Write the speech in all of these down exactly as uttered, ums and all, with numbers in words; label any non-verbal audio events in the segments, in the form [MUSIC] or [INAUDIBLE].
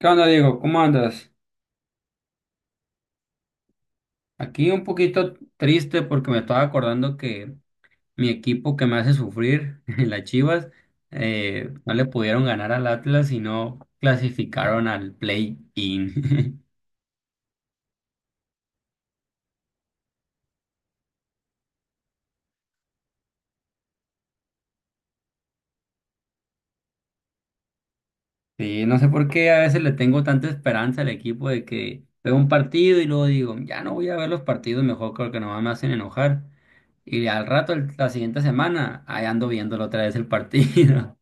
¿Qué onda, Diego? ¿Cómo andas? Aquí un poquito triste porque me estaba acordando que mi equipo que me hace sufrir, [LAUGHS] en las Chivas, eh, no le pudieron ganar al Atlas y no clasificaron al play-in. [LAUGHS] Sí, no sé por qué a veces le tengo tanta esperanza al equipo de que veo un partido y luego digo, ya no voy a ver los partidos, mejor creo que nomás me hacen enojar. Y al rato, el- la siguiente semana, ahí ando viéndolo otra vez el partido.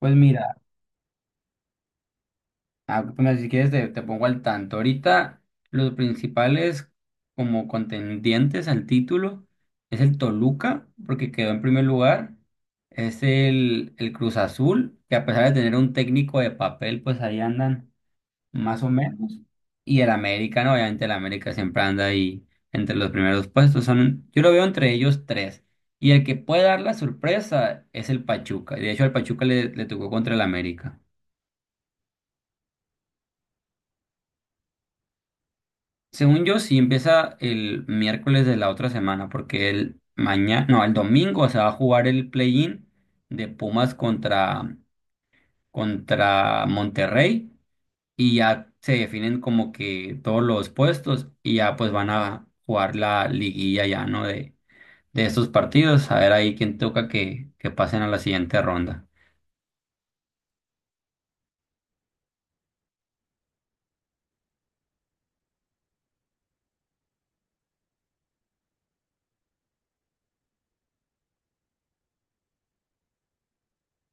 [LAUGHS] Pues mira. Ah, bueno, si quieres te, te pongo al tanto. Ahorita los principales como contendientes al título es el Toluca, porque quedó en primer lugar. Es el, el Cruz Azul, que a pesar de tener un técnico de papel, pues ahí andan más o menos. Y el América, ¿no? Obviamente el América siempre anda ahí entre los primeros puestos. Son, yo lo veo entre ellos tres. Y el que puede dar la sorpresa es el Pachuca. Y de hecho al Pachuca le, le tocó contra el América. Según yo, sí empieza el miércoles de la otra semana, porque el mañana, no, el domingo se va a jugar el play-in de Pumas contra, contra Monterrey y ya se definen como que todos los puestos y ya pues van a jugar la liguilla ya, ¿no? De, de estos partidos, a ver ahí quién toca que, que pasen a la siguiente ronda.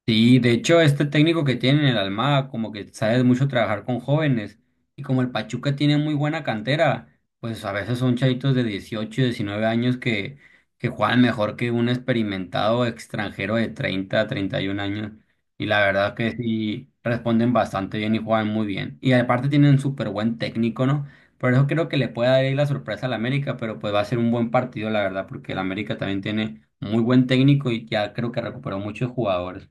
Sí, de hecho, este técnico que tiene en el Almada, como que sabe mucho trabajar con jóvenes, y como el Pachuca tiene muy buena cantera, pues a veces son chavitos de dieciocho, diecinueve años que, que juegan mejor que un experimentado extranjero de treinta, treinta y uno años, y la verdad que sí responden bastante bien y juegan muy bien. Y aparte tienen un súper buen técnico, ¿no? Por eso creo que le puede dar ahí la sorpresa al América, pero pues va a ser un buen partido, la verdad, porque el América también tiene muy buen técnico y ya creo que recuperó muchos jugadores.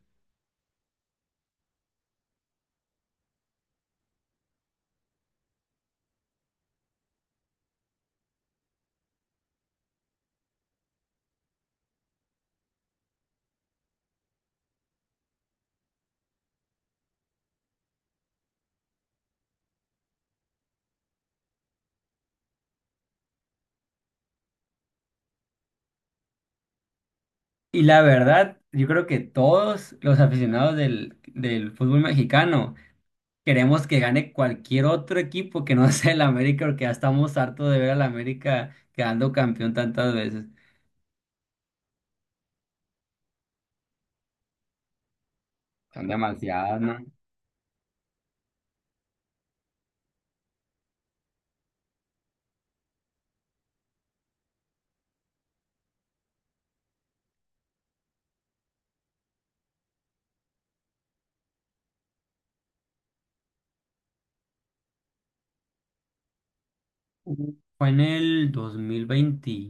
Y la verdad, yo creo que todos los aficionados del, del fútbol mexicano queremos que gane cualquier otro equipo que no [LAUGHS] sea el América, porque ya estamos hartos de ver al América quedando campeón tantas veces. Son demasiadas, ¿no? Ujú. Fue en el dos dos mil veinte,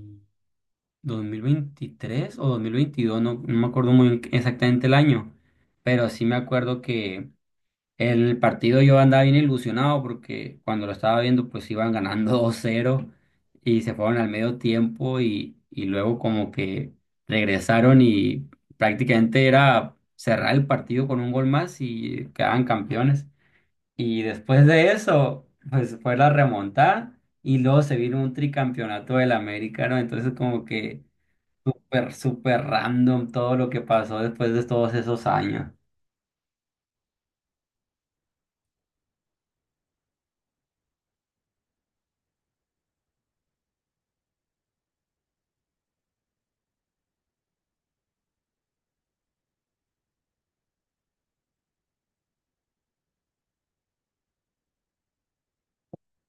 dos mil veintitrés o dos mil veintidós no, no me acuerdo muy bien exactamente el año, pero sí me acuerdo que el partido yo andaba bien ilusionado porque cuando lo estaba viendo pues iban ganando [LAUGHS] dos cero y se fueron al medio tiempo y, y luego como que regresaron y prácticamente era cerrar el partido con un gol más y quedaban campeones. Y después de eso pues fue la remontada y luego se vino un tricampeonato del América, ¿no? Entonces como que súper, súper random todo lo que pasó después de todos esos años.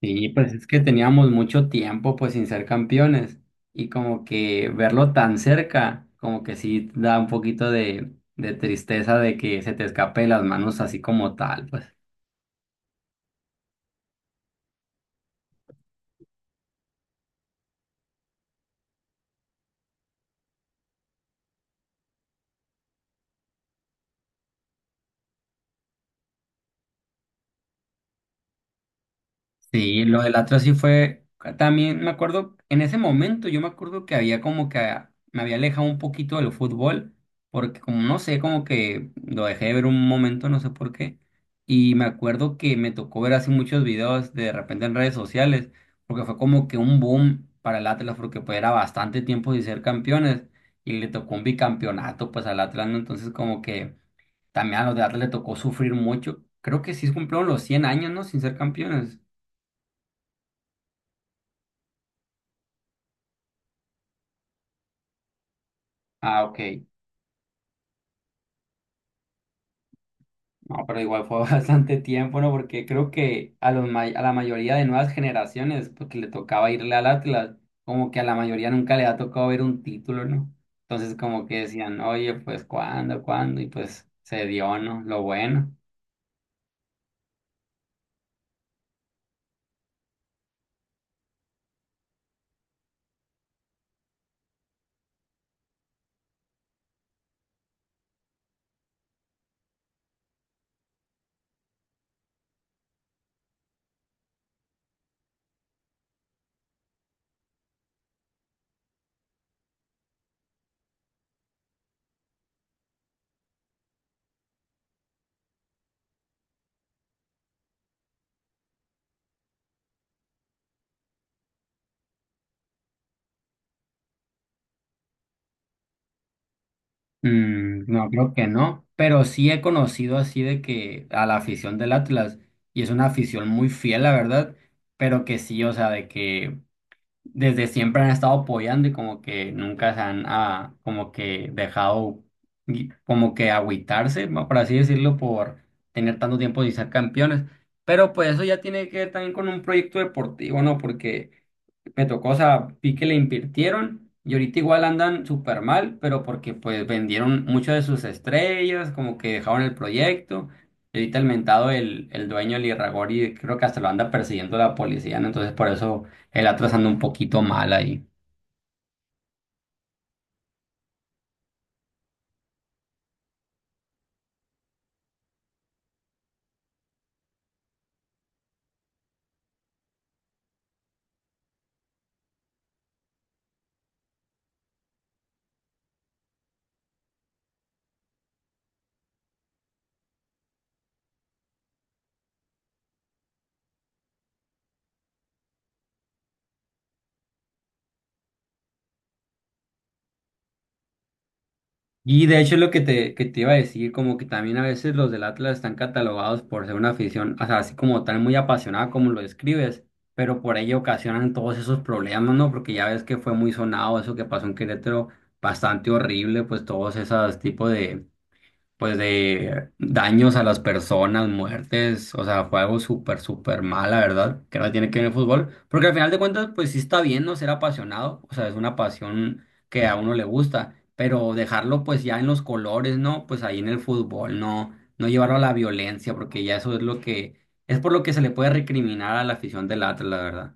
Sí, pues es que teníamos mucho tiempo pues sin ser campeones y como que verlo tan cerca, como que sí da un poquito de, de tristeza de que se te escape de las manos así como tal, pues. Sí, lo del Atlas sí fue, también me acuerdo, en ese momento yo me acuerdo que había como que a- me había alejado un poquito del fútbol, porque como no sé, como que lo dejé de ver un momento, no sé por qué, y me acuerdo que me tocó ver así muchos videos de repente en redes sociales, porque fue como que un boom para el Atlas, porque pues era bastante tiempo sin ser campeones, y le tocó un bicampeonato pues al Atlas, ¿no? Entonces como que también a los de Atlas le tocó sufrir mucho, creo que sí cumplieron los cien años, ¿no? Sin ser campeones. Ah, ok. No, pero igual fue [LAUGHS] bastante tiempo, ¿no? Porque creo que a los may- a la mayoría de nuevas generaciones, porque le tocaba irle al Atlas, como que a la mayoría nunca le ha tocado ver un título, ¿no? Entonces como que decían, oye, pues ¿cuándo, cuándo? Y pues se dio, ¿no? Lo bueno. Mm, no, creo que no, pero sí he conocido así de que a la afición del Atlas, y es una afición muy fiel, la verdad, pero que sí, o sea, de que desde siempre han estado apoyando y como que nunca se han ah, como que dejado gui- como que agüitarse, ma- por así decirlo, por tener tanto tiempo sin ser campeones. Pero pues eso ya tiene que ver también con un proyecto deportivo, ¿no? Porque me tocó, o sea, vi que le invirtieron y ahorita igual andan súper mal, pero porque pues vendieron muchas de sus estrellas, como que dejaron el proyecto. Y ahorita el mentado, el, el dueño, el Irragorri, creo que hasta lo anda persiguiendo la policía, ¿no? Entonces por eso el Atlas anda un poquito mal ahí. Y de hecho es lo que te, que te iba a decir, como que también a veces los del Atlas están catalogados por ser una afición, o sea, así como tal muy apasionada como lo describes, pero por ello ocasionan todos esos problemas, ¿no? Porque ya ves que fue muy sonado eso que pasó en Querétaro, bastante horrible, pues todos esos tipos de, pues de daños a las personas, muertes, o sea, fue algo súper, súper mal, la verdad, que no tiene que ver el fútbol, porque al final de cuentas, pues sí está bien, ¿no? Ser apasionado, o sea, es una pasión que a uno le gusta, pero dejarlo pues ya en los colores, ¿no? Pues ahí en el fútbol, no, no llevarlo a la violencia, porque ya eso es lo que, es por lo que se le puede recriminar a la afición del Atlas, la verdad.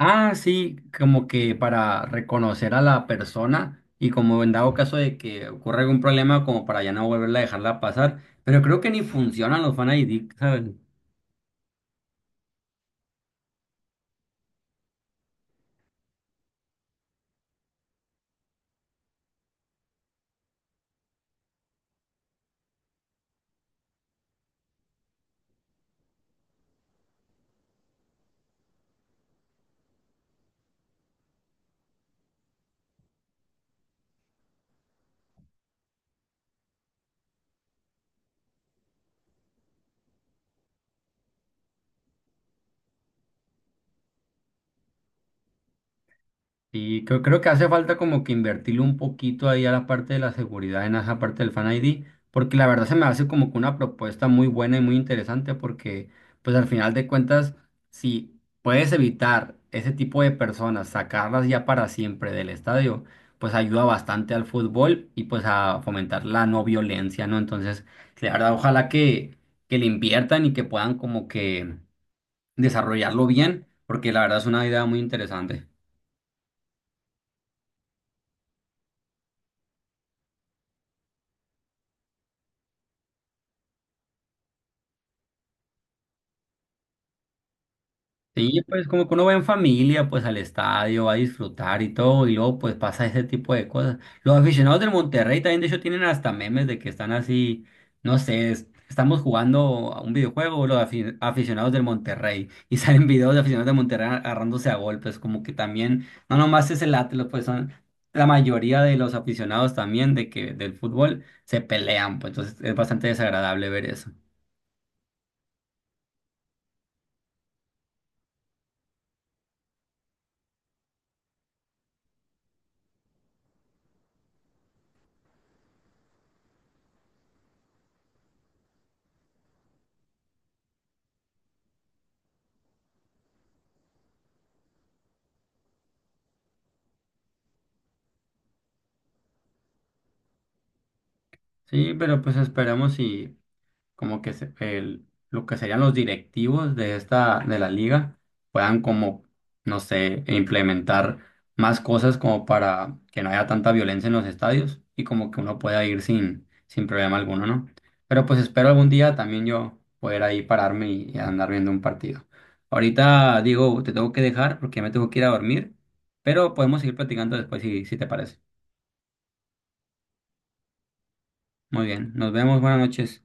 Ah, sí, como que para reconocer a la persona y como en dado caso de que ocurra algún problema, como para ya no volverla a dejarla pasar. Pero creo que ni funcionan los fan I D, ¿sabes? Y creo, creo que hace falta como que invertirle un poquito ahí a la parte de la seguridad en esa parte del Fan I D, porque la verdad se me hace como que una propuesta muy buena y muy interesante, porque pues al final de cuentas, si puedes evitar ese tipo de personas, sacarlas ya para siempre del estadio, pues ayuda bastante al fútbol y pues a fomentar la no violencia, ¿no? Entonces, sí, la verdad, ojalá que, que le inviertan y que puedan como que desarrollarlo bien, porque la verdad es una idea muy interesante. Sí, pues como que uno va en familia, pues al estadio, va a disfrutar y todo, y luego pues pasa ese tipo de cosas. Los aficionados del Monterrey también de hecho tienen hasta memes de que están así, no sé, es- estamos jugando a un videojuego, los afi- aficionados del Monterrey, [LAUGHS] y salen videos de aficionados del Monterrey agarrándose a golpes, como que también, no nomás es el Atlas, pues son la mayoría de los aficionados también de que del fútbol se pelean, pues entonces es bastante desagradable ver eso. Sí, pero pues esperamos y... como que se- el, lo que serían los directivos de esta, de la liga, puedan como, no sé, implementar más cosas como para que no haya tanta violencia en los estadios y como que uno pueda ir sin, sin problema alguno, ¿no? Pero pues espero algún día también yo poder ahí pararme y, y andar viendo un partido. Ahorita, digo, te tengo que dejar porque ya me tengo que ir a dormir, pero podemos seguir platicando después si, si te parece. Muy bien, nos vemos, buenas noches.